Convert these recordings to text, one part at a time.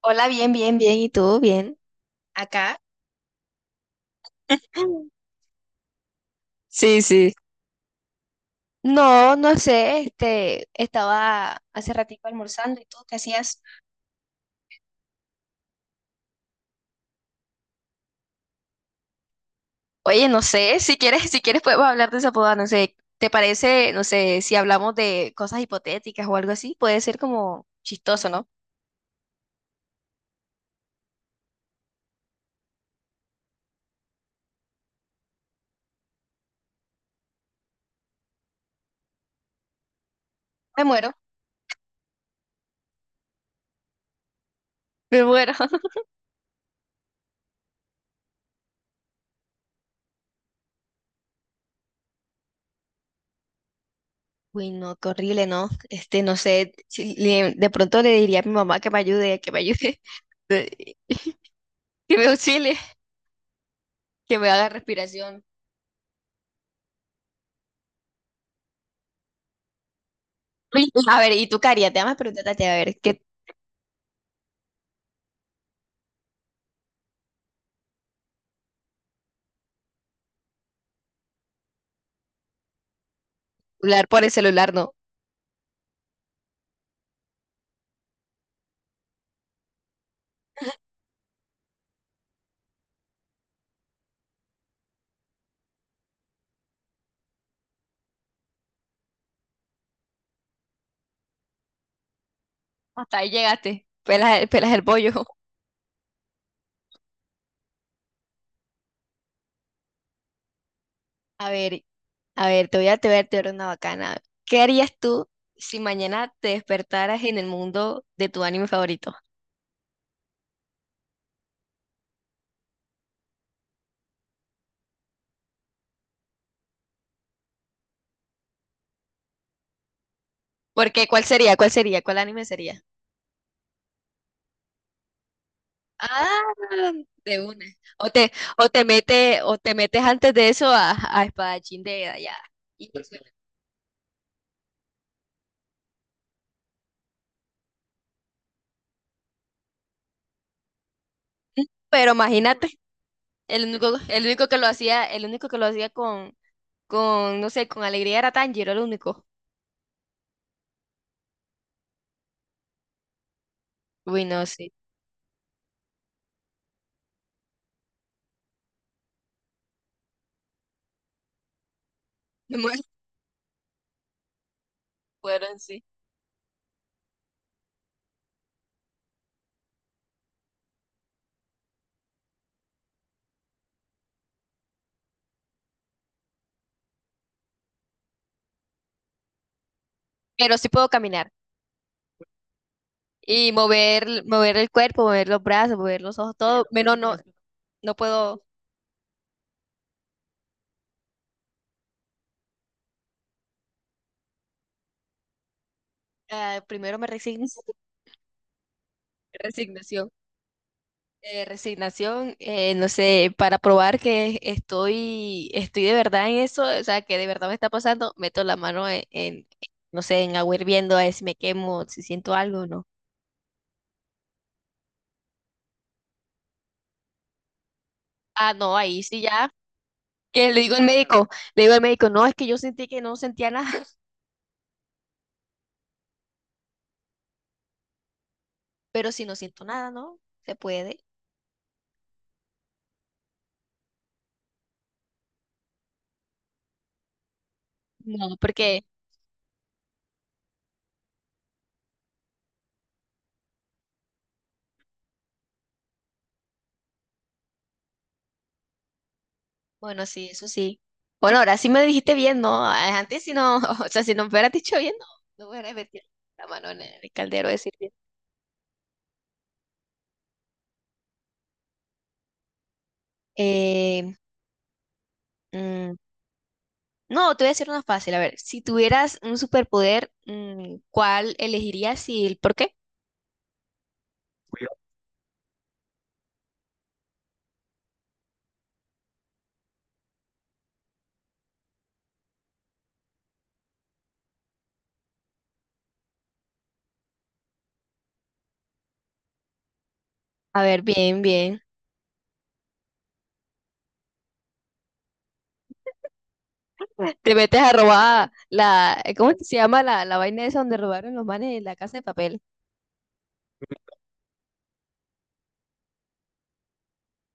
Hola, bien, bien, bien. ¿Y tú? Bien. Acá. Sí, sí. No, no sé, estaba hace ratito almorzando y tú qué hacías. Oye, no sé, si quieres podemos hablar de esa boda, no sé, ¿te parece, no sé, si hablamos de cosas hipotéticas o algo así? Puede ser como chistoso, ¿no? Me muero. Me muero. Uy, no, qué horrible, ¿no? No sé, si le- de pronto le diría a mi mamá que me ayude, que me auxilie, que me haga respiración. Uy, a ver, ¿y tú qué harías? Déjame preguntarte, a ver, ¿qué celular por el celular no? Hasta ahí llegaste, pelas, pelas el bollo. A ver, a ver, te voy a dar una bacana. ¿Qué harías tú si mañana te despertaras en el mundo de tu anime favorito? Porque, ¿cuál sería? ¿Cuál sería? ¿Cuál anime sería? Ah, de una. O te, o te metes antes de eso a Espadachín de allá. Y- Pero imagínate, el único que lo hacía con, no sé, con alegría era Tanjiro el único. Uy, no, sí. No me acuerdo en sí. Pero sí puedo caminar y mover el cuerpo, mover los brazos, mover los ojos, todo. Menos no, no puedo. Primero me resigno. Resignación. Resignación, no sé, para probar que estoy de verdad en eso, o sea, que de verdad me está pasando, meto la mano en no sé, en agua hirviendo a ver si me quemo, si siento algo o no. Ah, no, ahí sí ya. Que le digo al médico, le digo al médico, no, es que yo sentí que no sentía nada, pero si no siento nada, ¿no? Se puede. No, porque, bueno, sí, eso sí. Bueno, ahora sí me dijiste bien, ¿no? Ah, antes si no, o sea, si no me hubieras dicho bien, no, no me hubieras metido la mano en el caldero de decir bien. Eh, mm, no, te voy a decir una fácil. A ver, si tuvieras un superpoder, ¿cuál elegirías y el por qué? A ver, bien, bien. Te metes a robar la, ¿cómo es que se llama la, la vaina esa donde robaron los manes de la casa de papel?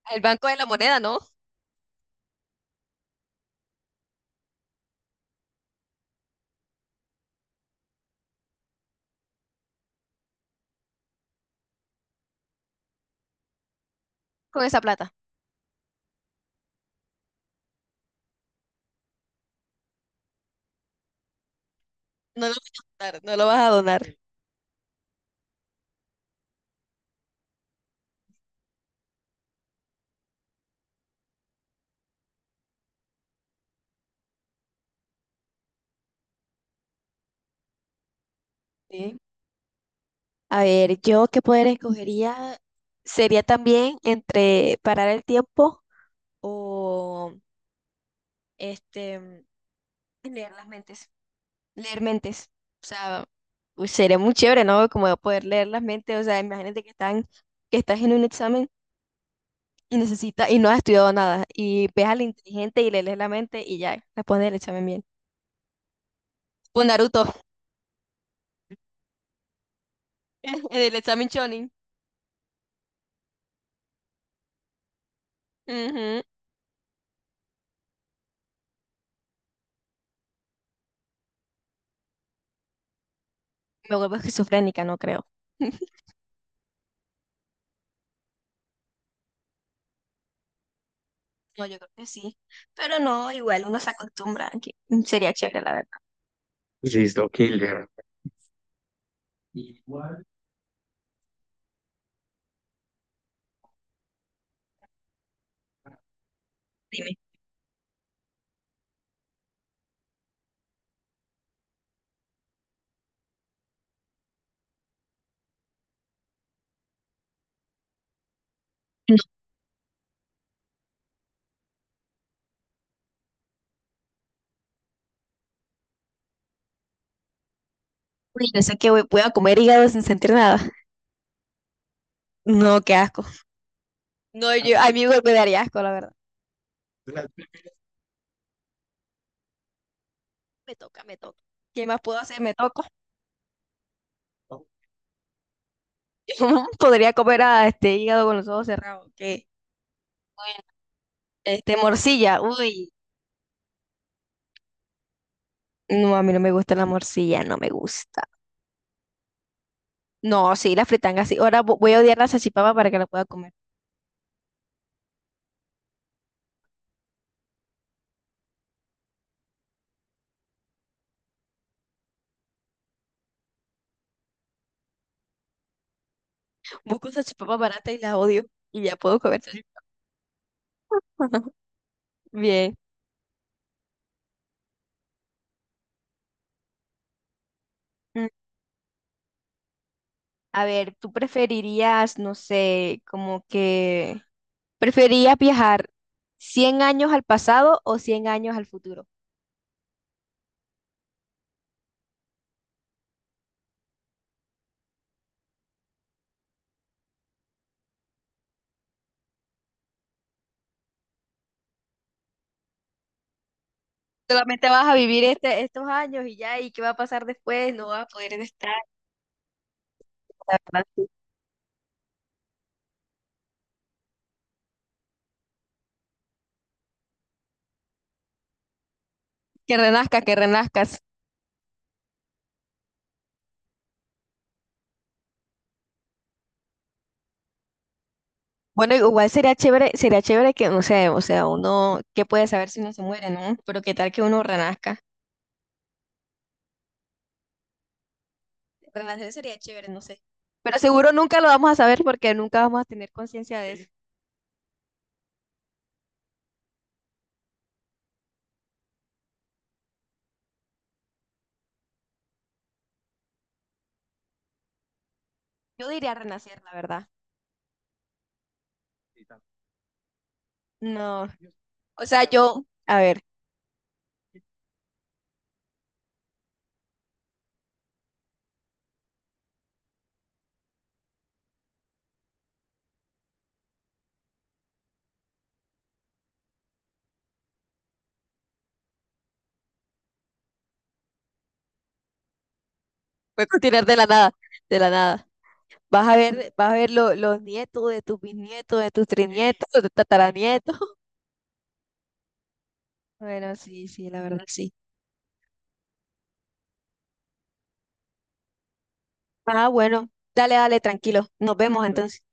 Al Banco de la Moneda, ¿no? Con esa plata. No lo vas a donar, no lo vas a donar. Sí. A ver, yo qué poder escogería sería también entre parar el tiempo o este leer las mentes. Leer mentes. O sea, uy, sería muy chévere, ¿no? Como poder leer las mentes. O sea, que estás en un examen y y no has estudiado nada. Y ves al inteligente y le lees la mente y ya, responde el examen bien. Pues Naruto, en el examen Shonin. Ujú. Me vuelvo esquizofrénica, no creo. No, yo creo que sí. Pero no, igual uno se acostumbra, que sería chévere, la verdad. Dime. No, uy, yo sé que voy a comer hígado sin sentir nada. No, qué asco. No, yo, a mí me daría asco, la verdad. Me toca. ¿Qué más puedo hacer? Me toco. ¿Cómo podría comer a este hígado con los ojos cerrados? ¿Qué? Bueno, este, morcilla. Uy, no, a mí no me gusta la morcilla, no me gusta. No, sí, la fritanga sí. Ahora voy a odiar la salchipapa para que la pueda comer. Busco una salchipapa barata y la odio y ya puedo comer salchipapa. Bien. Mm, a ver, ¿tú preferirías, no sé, como que... ¿preferirías viajar 100 años al pasado o 100 años al futuro? Solamente vas a vivir estos años y ya, ¿y qué va a pasar después? No vas a poder estar. La verdad, sí. Que renazca, que renazcas. Bueno, igual sería chévere que, no sé, o sea, uno, ¿qué puede saber si uno se muere, no? Pero qué tal que uno renazca. ¿Verdad? Eso sería chévere, no sé. Pero seguro nunca lo vamos a saber porque nunca vamos a tener conciencia de eso. Yo diría renacer, la verdad. No, o sea, yo, a ver, voy a continuar de la nada, de la nada. Vas a ver los nietos de tus bisnietos, de tus trinietos, de tus tataranietos. Bueno, sí, sí, la verdad, sí. Ah, bueno, dale, dale, tranquilo. Nos vemos entonces.